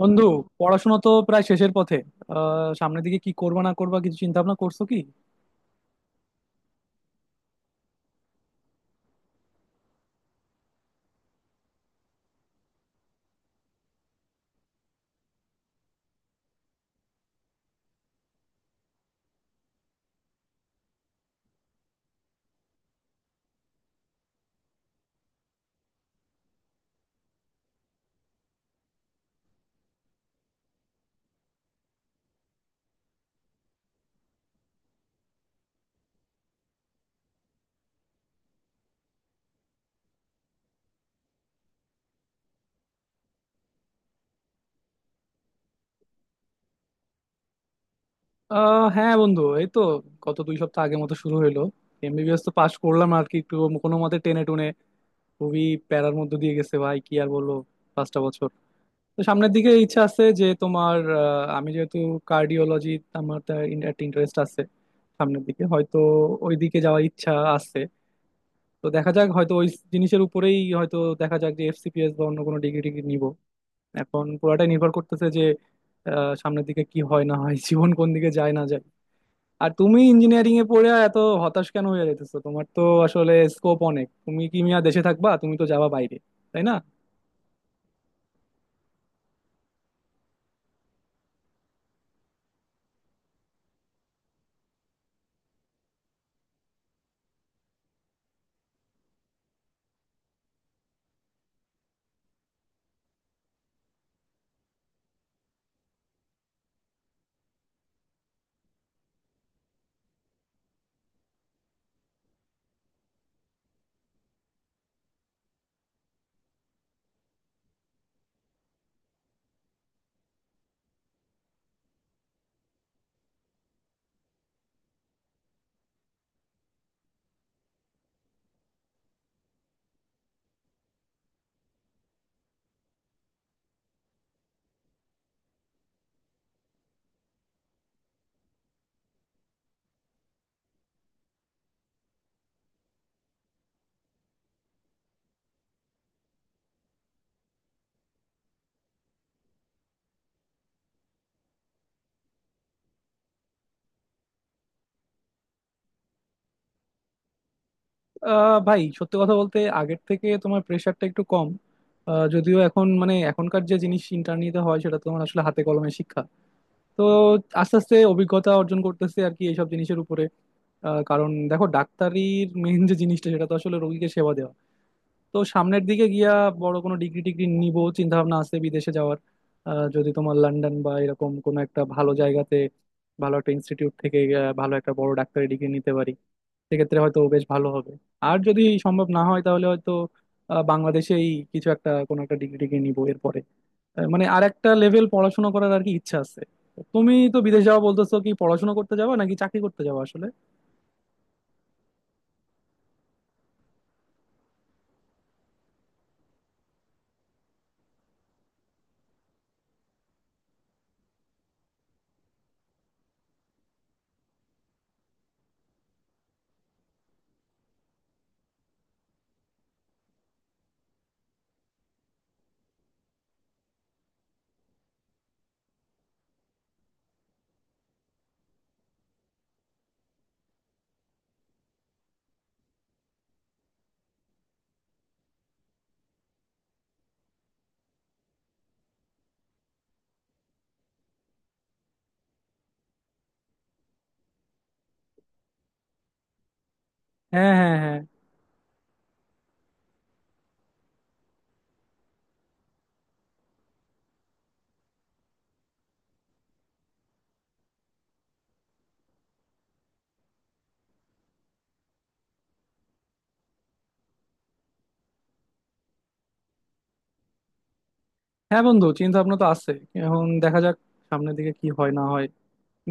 বন্ধু, পড়াশোনা তো প্রায় শেষের পথে। সামনের দিকে কি করবা না করবা কিছু চিন্তা ভাবনা করছো কি? হ্যাঁ বন্ধু, এই তো গত 2 সপ্তাহ আগের মতো শুরু হলো। এমবিবিএস তো পাশ করলাম আর কি, একটু কোনো মতে টেনে টুনে, খুবই প্যারার মধ্যে দিয়ে গেছে। ভাই, কি আর বলবো, 5টা বছর। তো সামনের দিকে ইচ্ছা আছে যে তোমার আমি যেহেতু কার্ডিওলজি, আমার তার একটা ইন্টারেস্ট আছে, সামনের দিকে হয়তো ওই দিকে যাওয়ার ইচ্ছা আছে। তো দেখা যাক, হয়তো ওই জিনিসের উপরেই, হয়তো দেখা যাক যে এফসিপিএস বা অন্য কোনো ডিগ্রি টিগ্রি নিবো। এখন পুরাটাই নির্ভর করতেছে যে সামনের দিকে কি হয় না হয়, জীবন কোন দিকে যায় না যায়। আর তুমি ইঞ্জিনিয়ারিং এ পড়ে এত হতাশ কেন হয়ে যেতেছো? তোমার তো আসলে স্কোপ অনেক। তুমি কি মিয়া দেশে থাকবা, তুমি তো যাবা বাইরে, তাই না? ভাই সত্যি কথা বলতে আগের থেকে তোমার প্রেশারটা একটু কম। যদিও এখন মানে এখনকার যে জিনিস ইন্টারনেটে হয় সেটা তো তোমার আসলে হাতে কলমে শিক্ষা। তো আস্তে আস্তে অভিজ্ঞতা অর্জন করতেছে আর কি এইসব জিনিসের উপরে। কারণ দেখো, ডাক্তারির মেইন যে জিনিসটা সেটা তো আসলে রোগীকে সেবা দেওয়া। তো সামনের দিকে গিয়া বড় কোনো ডিগ্রি টিগ্রি নিব, চিন্তা ভাবনা আছে বিদেশে যাওয়ার। যদি তোমার লন্ডন বা এরকম কোনো একটা ভালো জায়গাতে, ভালো একটা ইনস্টিটিউট থেকে ভালো একটা বড় ডাক্তারি ডিগ্রি নিতে পারি সেক্ষেত্রে হয়তো বেশ ভালো হবে। আর যদি সম্ভব না হয় তাহলে হয়তো বাংলাদেশেই কিছু একটা কোনো একটা ডিগ্রি টিগ্রি নিবো এরপরে। মানে আর একটা লেভেল পড়াশোনা করার আর কি ইচ্ছা আছে। তুমি তো বিদেশ যাওয়া বলতেছো, কি পড়াশোনা করতে যাবা নাকি চাকরি করতে যাবা আসলে? হ্যাঁ, হ্যাঁ, হ্যাঁ। হ্যাঁ বন্ধু, চিন্তা ভাবনা তো আছে। এখন দেখা যাক সামনের দিকে কি হয় না হয়।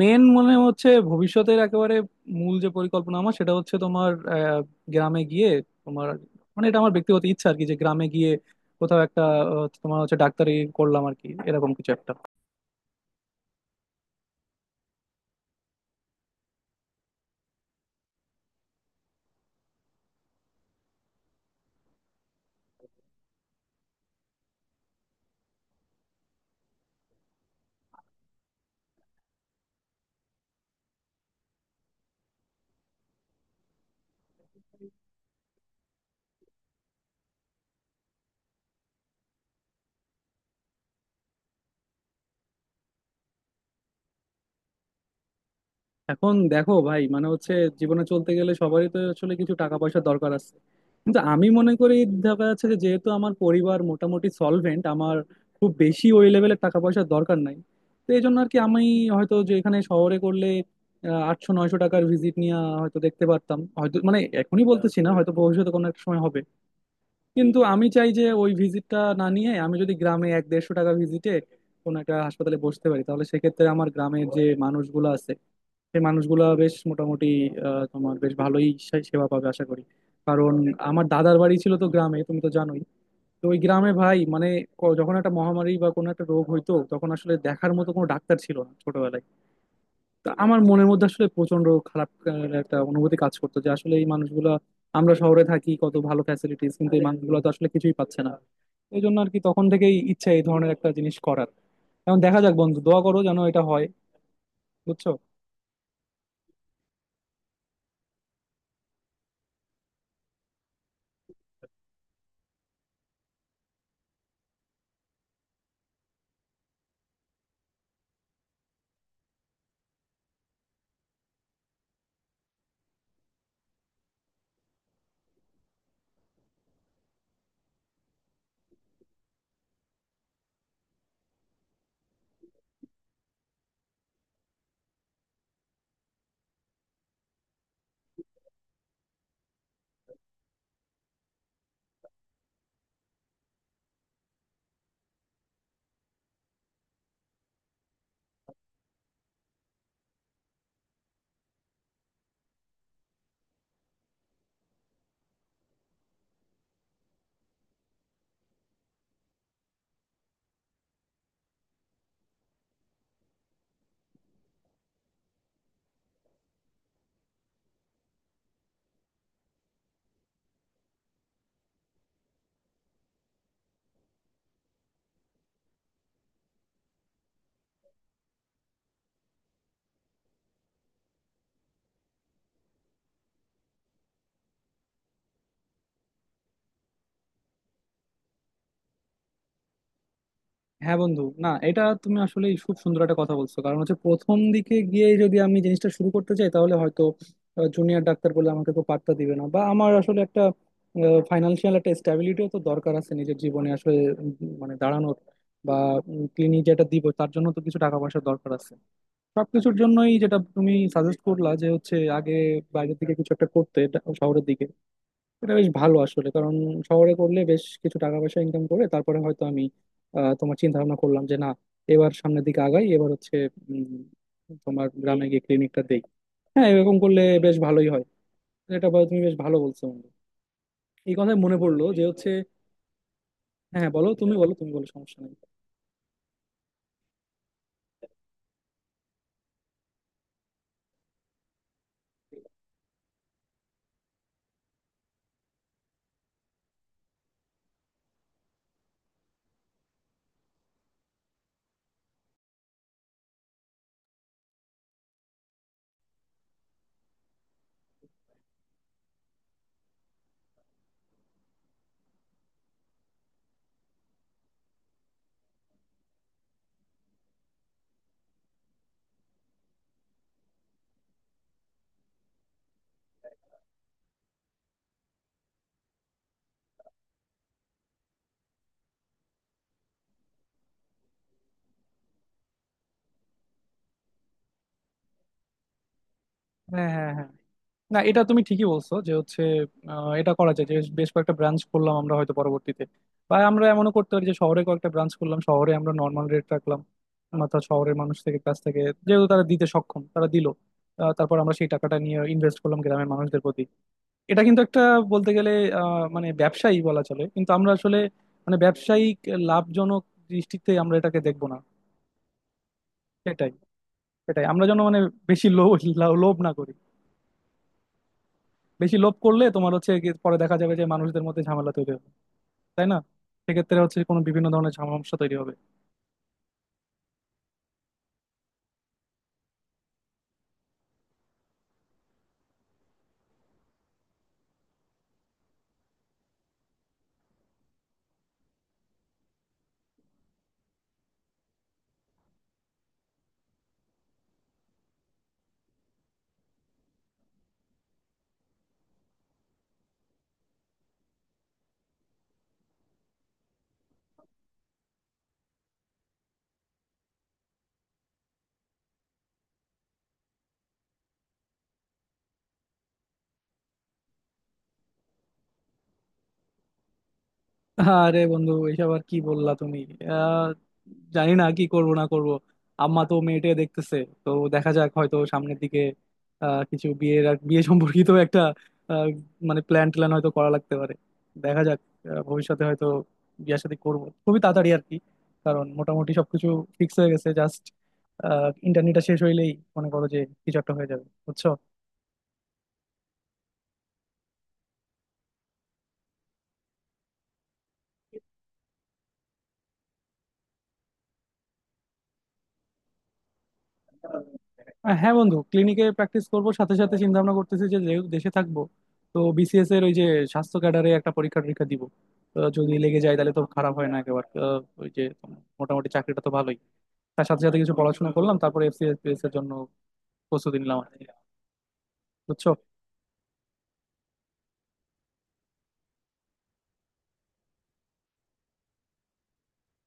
মেন মনে হচ্ছে ভবিষ্যতের একেবারে মূল যে পরিকল্পনা আমার সেটা হচ্ছে তোমার গ্রামে গিয়ে তোমার, মানে এটা আমার ব্যক্তিগত ইচ্ছা আর কি, যে গ্রামে গিয়ে কোথাও একটা তোমার হচ্ছে ডাক্তারি করলাম আর কি এরকম কিছু একটা। এখন দেখো ভাই, মানে হচ্ছে জীবনে চলতে গেলে সবারই তো আসলে কিছু টাকা পয়সার দরকার আছে, কিন্তু আমি মনে করি দেখা যাচ্ছে যে যেহেতু আমার পরিবার মোটামুটি সলভেন্ট, আমার খুব বেশি ওই লেভেলের টাকা পয়সার দরকার নাই। তো এই জন্য আর কি আমি হয়তো যে এখানে শহরে করলে 800 900 টাকার ভিজিট নিয়ে হয়তো দেখতে পারতাম, হয়তো মানে এখনই বলতেছি না, হয়তো ভবিষ্যতে কোনো একটা সময় হবে। কিন্তু আমি চাই যে ওই ভিজিটটা না নিয়ে আমি যদি গ্রামে 1 150 টাকা ভিজিটে কোনো একটা হাসপাতালে বসতে পারি, তাহলে সেক্ষেত্রে আমার গ্রামের যে মানুষগুলো আছে সেই মানুষগুলা বেশ মোটামুটি তোমার বেশ ভালোই সেবা পাবে আশা করি। কারণ আমার দাদার বাড়ি ছিল তো গ্রামে, তুমি তো জানোই। তো ওই গ্রামে ভাই, মানে যখন একটা মহামারী বা কোনো একটা রোগ হইতো তখন আসলে দেখার মতো কোনো ডাক্তার ছিল না ছোটবেলায়। তো আমার মনের মধ্যে আসলে প্রচন্ড খারাপ একটা অনুভূতি কাজ করতো, যে আসলে এই মানুষগুলা, আমরা শহরে থাকি কত ভালো ফ্যাসিলিটিস কিন্তু এই মানুষগুলো তো আসলে কিছুই পাচ্ছে না। এই জন্য আর কি তখন থেকেই ইচ্ছা এই ধরনের একটা জিনিস করার। এখন দেখা যাক বন্ধু, দোয়া করো যেন এটা হয়। বুঝছো? হ্যাঁ বন্ধু, না এটা তুমি আসলে খুব সুন্দর একটা কথা বলছো, কারণ হচ্ছে প্রথম দিকে গিয়ে যদি আমি জিনিসটা শুরু করতে চাই তাহলে হয়তো জুনিয়র ডাক্তার বলে আমাকে তো পাত্তা দিবে না, বা আমার আসলে একটা ফাইনান্সিয়াল একটা স্ট্যাবিলিটিও তো দরকার আছে নিজের জীবনে আসলে। উম, মানে দাঁড়ানোর বা ক্লিনিক যেটা দিব তার জন্য তো কিছু টাকা পয়সার দরকার আছে। সবকিছুর জন্যই, যেটা তুমি সাজেস্ট করলা যে হচ্ছে আগে বাইরের দিকে কিছু একটা করতে, শহরের দিকে, এটা বেশ ভালো আসলে। কারণ শহরে করলে বেশ কিছু টাকা পয়সা ইনকাম করে তারপরে হয়তো আমি তোমার চিন্তা ভাবনা করলাম যে না এবার সামনের দিকে আগাই, এবার হচ্ছে তোমার গ্রামে গিয়ে ক্লিনিকটা দেই। হ্যাঁ, এরকম করলে বেশ ভালোই হয়। তুমি বেশ ভালো বলছো বন্ধু। এই কথায় মনে পড়লো যে হচ্ছে, হ্যাঁ বলো, তুমি বলো, তুমি বলো, সমস্যা নেই। হ্যাঁ, হ্যাঁ, হ্যাঁ। না এটা তুমি ঠিকই বলছো, যে হচ্ছে এটা করা যায় যে বেশ কয়েকটা ব্রাঞ্চ করলাম আমরা হয়তো পরবর্তীতে। বা আমরা এমনও করতে পারি যে শহরে কয়েকটা ব্রাঞ্চ করলাম, শহরে আমরা নর্মাল রেট রাখলাম। অর্থাৎ শহরের মানুষ থেকে, কাছ থেকে, যেহেতু তারা দিতে সক্ষম তারা দিল। তারপর আমরা সেই টাকাটা নিয়ে ইনভেস্ট করলাম গ্রামের মানুষদের প্রতি। এটা কিন্তু একটা বলতে গেলে মানে ব্যবসায়ী বলা চলে, কিন্তু আমরা আসলে মানে ব্যবসায়িক লাভজনক দৃষ্টিতে আমরা এটাকে দেখবো না। সেটাই, সেটাই আমরা যেন মানে বেশি লোভ, লোভ না করি। বেশি লোভ করলে তোমার হচ্ছে গিয়ে পরে দেখা যাবে যে মানুষদের মধ্যে ঝামেলা তৈরি হবে, তাই না? সেক্ষেত্রে হচ্ছে কোনো বিভিন্ন ধরনের সমস্যা তৈরি হবে। আরে বন্ধু, এইসব আর কি বললা তুমি। আহ জানি না কি করব না করব। আম্মা তো মেয়েটে দেখতেছে। তো দেখা যাক, হয়তো সামনের দিকে কিছু বিয়ের বিয়ে সম্পর্কিত একটা আহ, মানে প্ল্যান ট্যান হয়তো করা লাগতে পারে। দেখা যাক, ভবিষ্যতে হয়তো বিয়ে শাদী করব খুবই তাড়াতাড়ি আর কি। কারণ মোটামুটি সবকিছু ফিক্স হয়ে গেছে, জাস্ট ইন্টারনেটটা শেষ হইলেই মনে করো যে কিছু একটা হয়ে যাবে। বুঝছো? হ্যাঁ বন্ধু, ক্লিনিকে প্র্যাকটিস করব, সাথে সাথে চিন্তা ভাবনা করতেছি যে যেহেতু দেশে থাকবো তো বিসিএস এর ওই যে স্বাস্থ্য ক্যাডারে একটা পরীক্ষা টরীক্ষা দিব। তো যদি লেগে যায় তাহলে তো খারাপ হয় না একেবারে। ওই যে মোটামুটি চাকরিটা তো ভালোই। তার সাথে সাথে কিছু পড়াশোনা করলাম তারপরে এফসিএস এর জন্য প্রস্তুতি নিলাম আর কি। বুঝছো?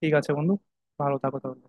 ঠিক আছে বন্ধু, ভালো থাকো তাহলে।